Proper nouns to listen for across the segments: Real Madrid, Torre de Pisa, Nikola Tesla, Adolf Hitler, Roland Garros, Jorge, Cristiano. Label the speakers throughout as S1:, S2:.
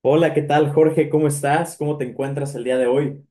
S1: Hola, ¿qué tal, Jorge? ¿Cómo estás? ¿Cómo te encuentras el día de hoy?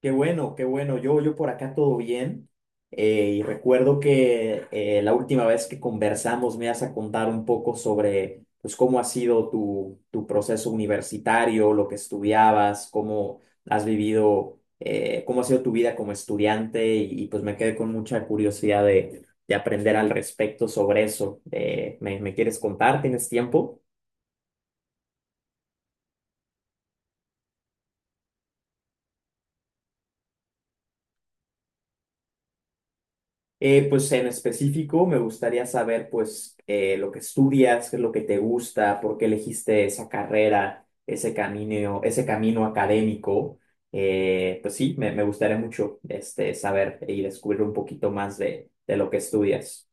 S1: Qué bueno, qué bueno. Yo por acá todo bien. Y recuerdo que la última vez que conversamos me ibas a contar un poco sobre pues, cómo ha sido tu proceso universitario, lo que estudiabas, cómo has vivido, cómo ha sido tu vida como estudiante y pues me quedé con mucha curiosidad de aprender al respecto sobre eso. ¿ me quieres contar? ¿Tienes tiempo? Pues en específico me gustaría saber pues lo que estudias, qué es lo que te gusta, por qué elegiste esa carrera, ese camino académico. Pues sí, me gustaría mucho este, saber y descubrir un poquito más de lo que estudias.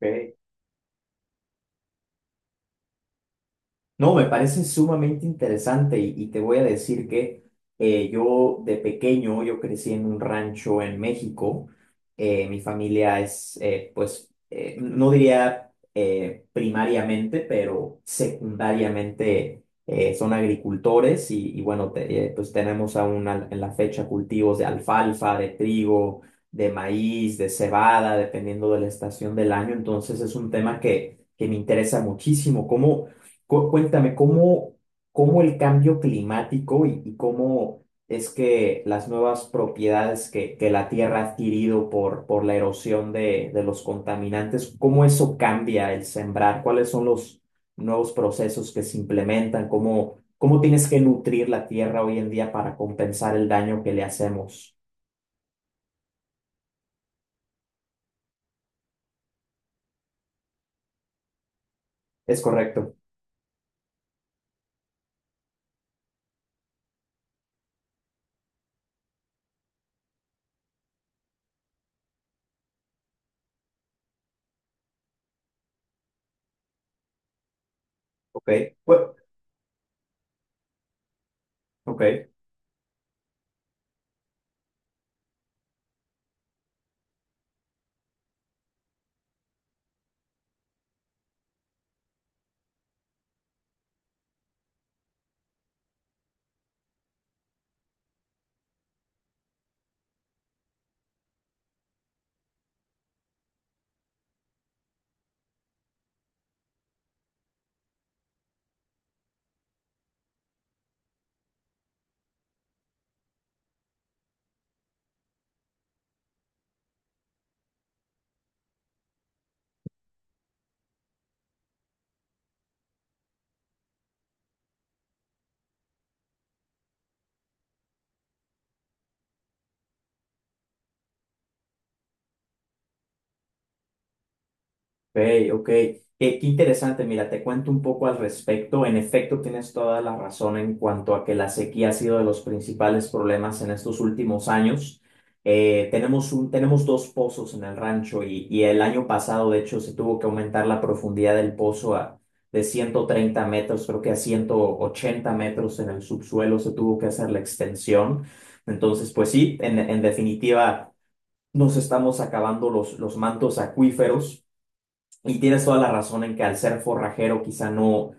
S1: Ok. No, me parece sumamente interesante y te voy a decir que yo de pequeño, yo crecí en un rancho en México. Mi familia es, pues, no diría primariamente, pero secundariamente son agricultores y bueno, pues tenemos aún en la fecha cultivos de alfalfa, de trigo, de maíz, de cebada, dependiendo de la estación del año. Entonces es un tema que me interesa muchísimo. ¿Cómo? Cuéntame, ¿cómo, cómo el cambio climático y cómo es que las nuevas propiedades que la Tierra ha adquirido por la erosión de los contaminantes, cómo eso cambia el sembrar? ¿Cuáles son los nuevos procesos que se implementan? ¿Cómo, cómo tienes que nutrir la Tierra hoy en día para compensar el daño que le hacemos? ¿Es correcto? Ok. Pues, ok. Ok, ok. Qué interesante, mira, te cuento un poco al respecto. En efecto, tienes toda la razón en cuanto a que la sequía ha sido de los principales problemas en estos últimos años. Tenemos dos pozos en el rancho y el año pasado, de hecho, se tuvo que aumentar la profundidad del pozo a, de 130 metros, creo que a 180 metros en el subsuelo se tuvo que hacer la extensión. Entonces, pues sí, en definitiva, nos estamos acabando los mantos acuíferos. Y tienes toda la razón en que al ser forrajero quizá no,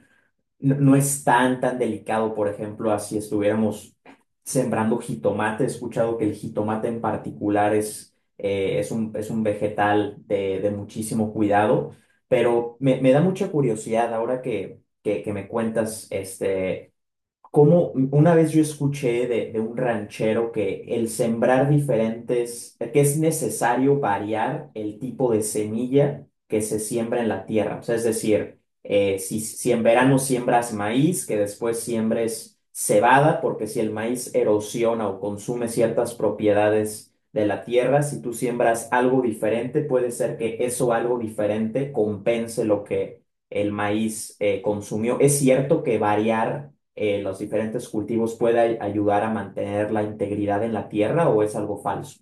S1: no, no es tan, tan delicado, por ejemplo, así estuviéramos sembrando jitomate. He escuchado que el jitomate en particular es un vegetal de muchísimo cuidado, pero me da mucha curiosidad ahora que me cuentas este, como una vez yo escuché de un ranchero que el sembrar diferentes, que es necesario variar el tipo de semilla que se siembra en la tierra. O sea, es decir, si en verano siembras maíz, que después siembres cebada, porque si el maíz erosiona o consume ciertas propiedades de la tierra, si tú siembras algo diferente, puede ser que eso algo diferente compense lo que el maíz consumió. ¿Es cierto que variar los diferentes cultivos pueda ayudar a mantener la integridad en la tierra o es algo falso?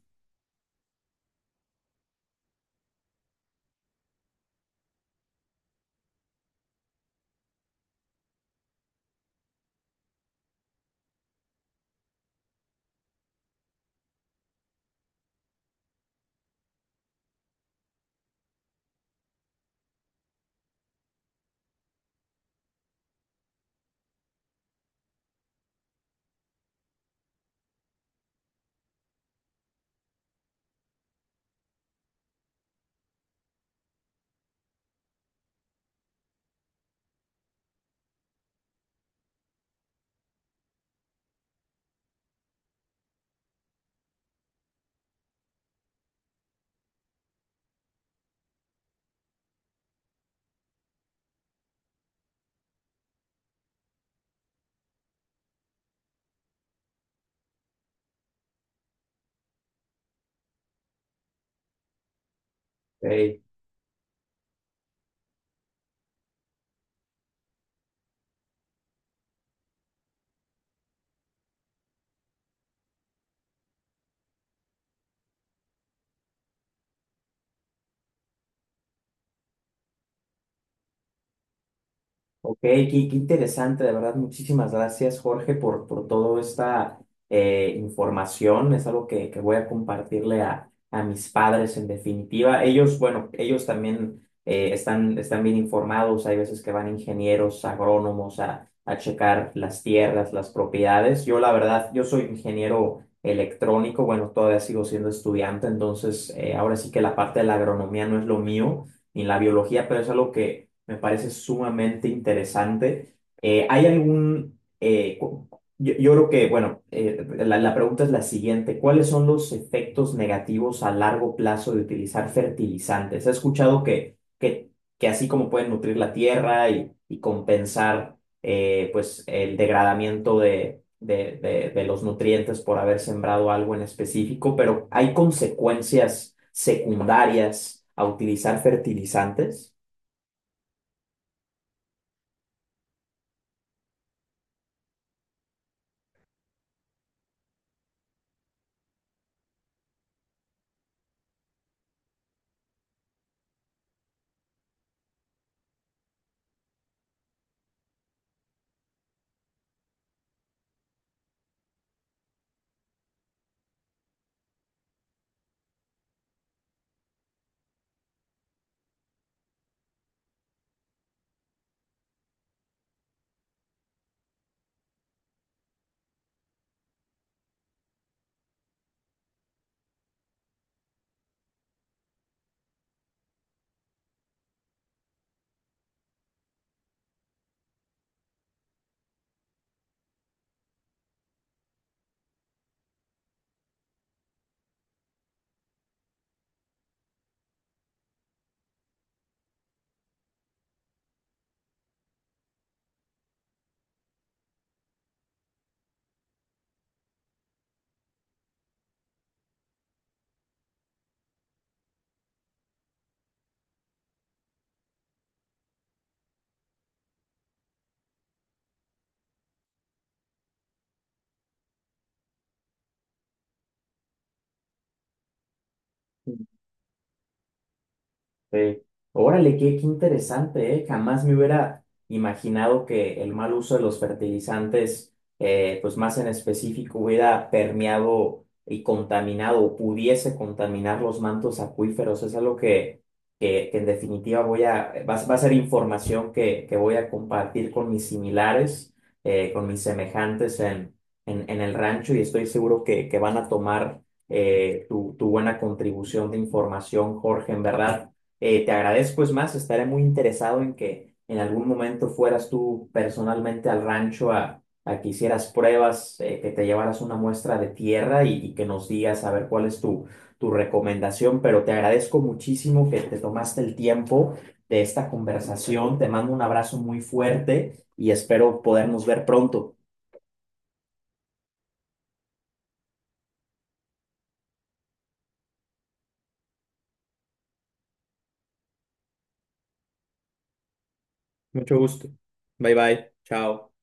S1: Ok. Ok, qué, qué interesante, de verdad. Muchísimas gracias, Jorge, por toda esta información. Es algo que voy a compartirle a mis padres, en definitiva. Ellos, bueno, ellos también están, están bien informados. Hay veces que van ingenieros, agrónomos a checar las tierras, las propiedades. Yo, la verdad, yo soy ingeniero electrónico. Bueno, todavía sigo siendo estudiante, entonces ahora sí que la parte de la agronomía no es lo mío, ni la biología, pero es algo que me parece sumamente interesante. Eh, ¿hay algún... eh, cu- yo, yo creo que, bueno, la pregunta es la siguiente. ¿Cuáles son los efectos negativos a largo plazo de utilizar fertilizantes? He escuchado que así como pueden nutrir la tierra y compensar pues, el degradamiento de los nutrientes por haber sembrado algo en específico, pero ¿hay consecuencias secundarias a utilizar fertilizantes? Sí. Órale, qué, qué interesante, ¿eh? Jamás me hubiera imaginado que el mal uso de los fertilizantes, pues más en específico, hubiera permeado y contaminado o pudiese contaminar los mantos acuíferos. Es algo que en definitiva voy a, va, a va a ser información que voy a compartir con mis similares, con mis semejantes en el rancho y estoy seguro que van a tomar tu buena contribución de información, Jorge, en verdad. Te agradezco, es más, estaré muy interesado en que en algún momento fueras tú personalmente al rancho a que hicieras pruebas, que te llevaras una muestra de tierra y que nos digas a ver cuál es tu, tu recomendación, pero te agradezco muchísimo que te tomaste el tiempo de esta conversación, te mando un abrazo muy fuerte y espero podernos ver pronto. Mucho gusto. Bye bye. Chao.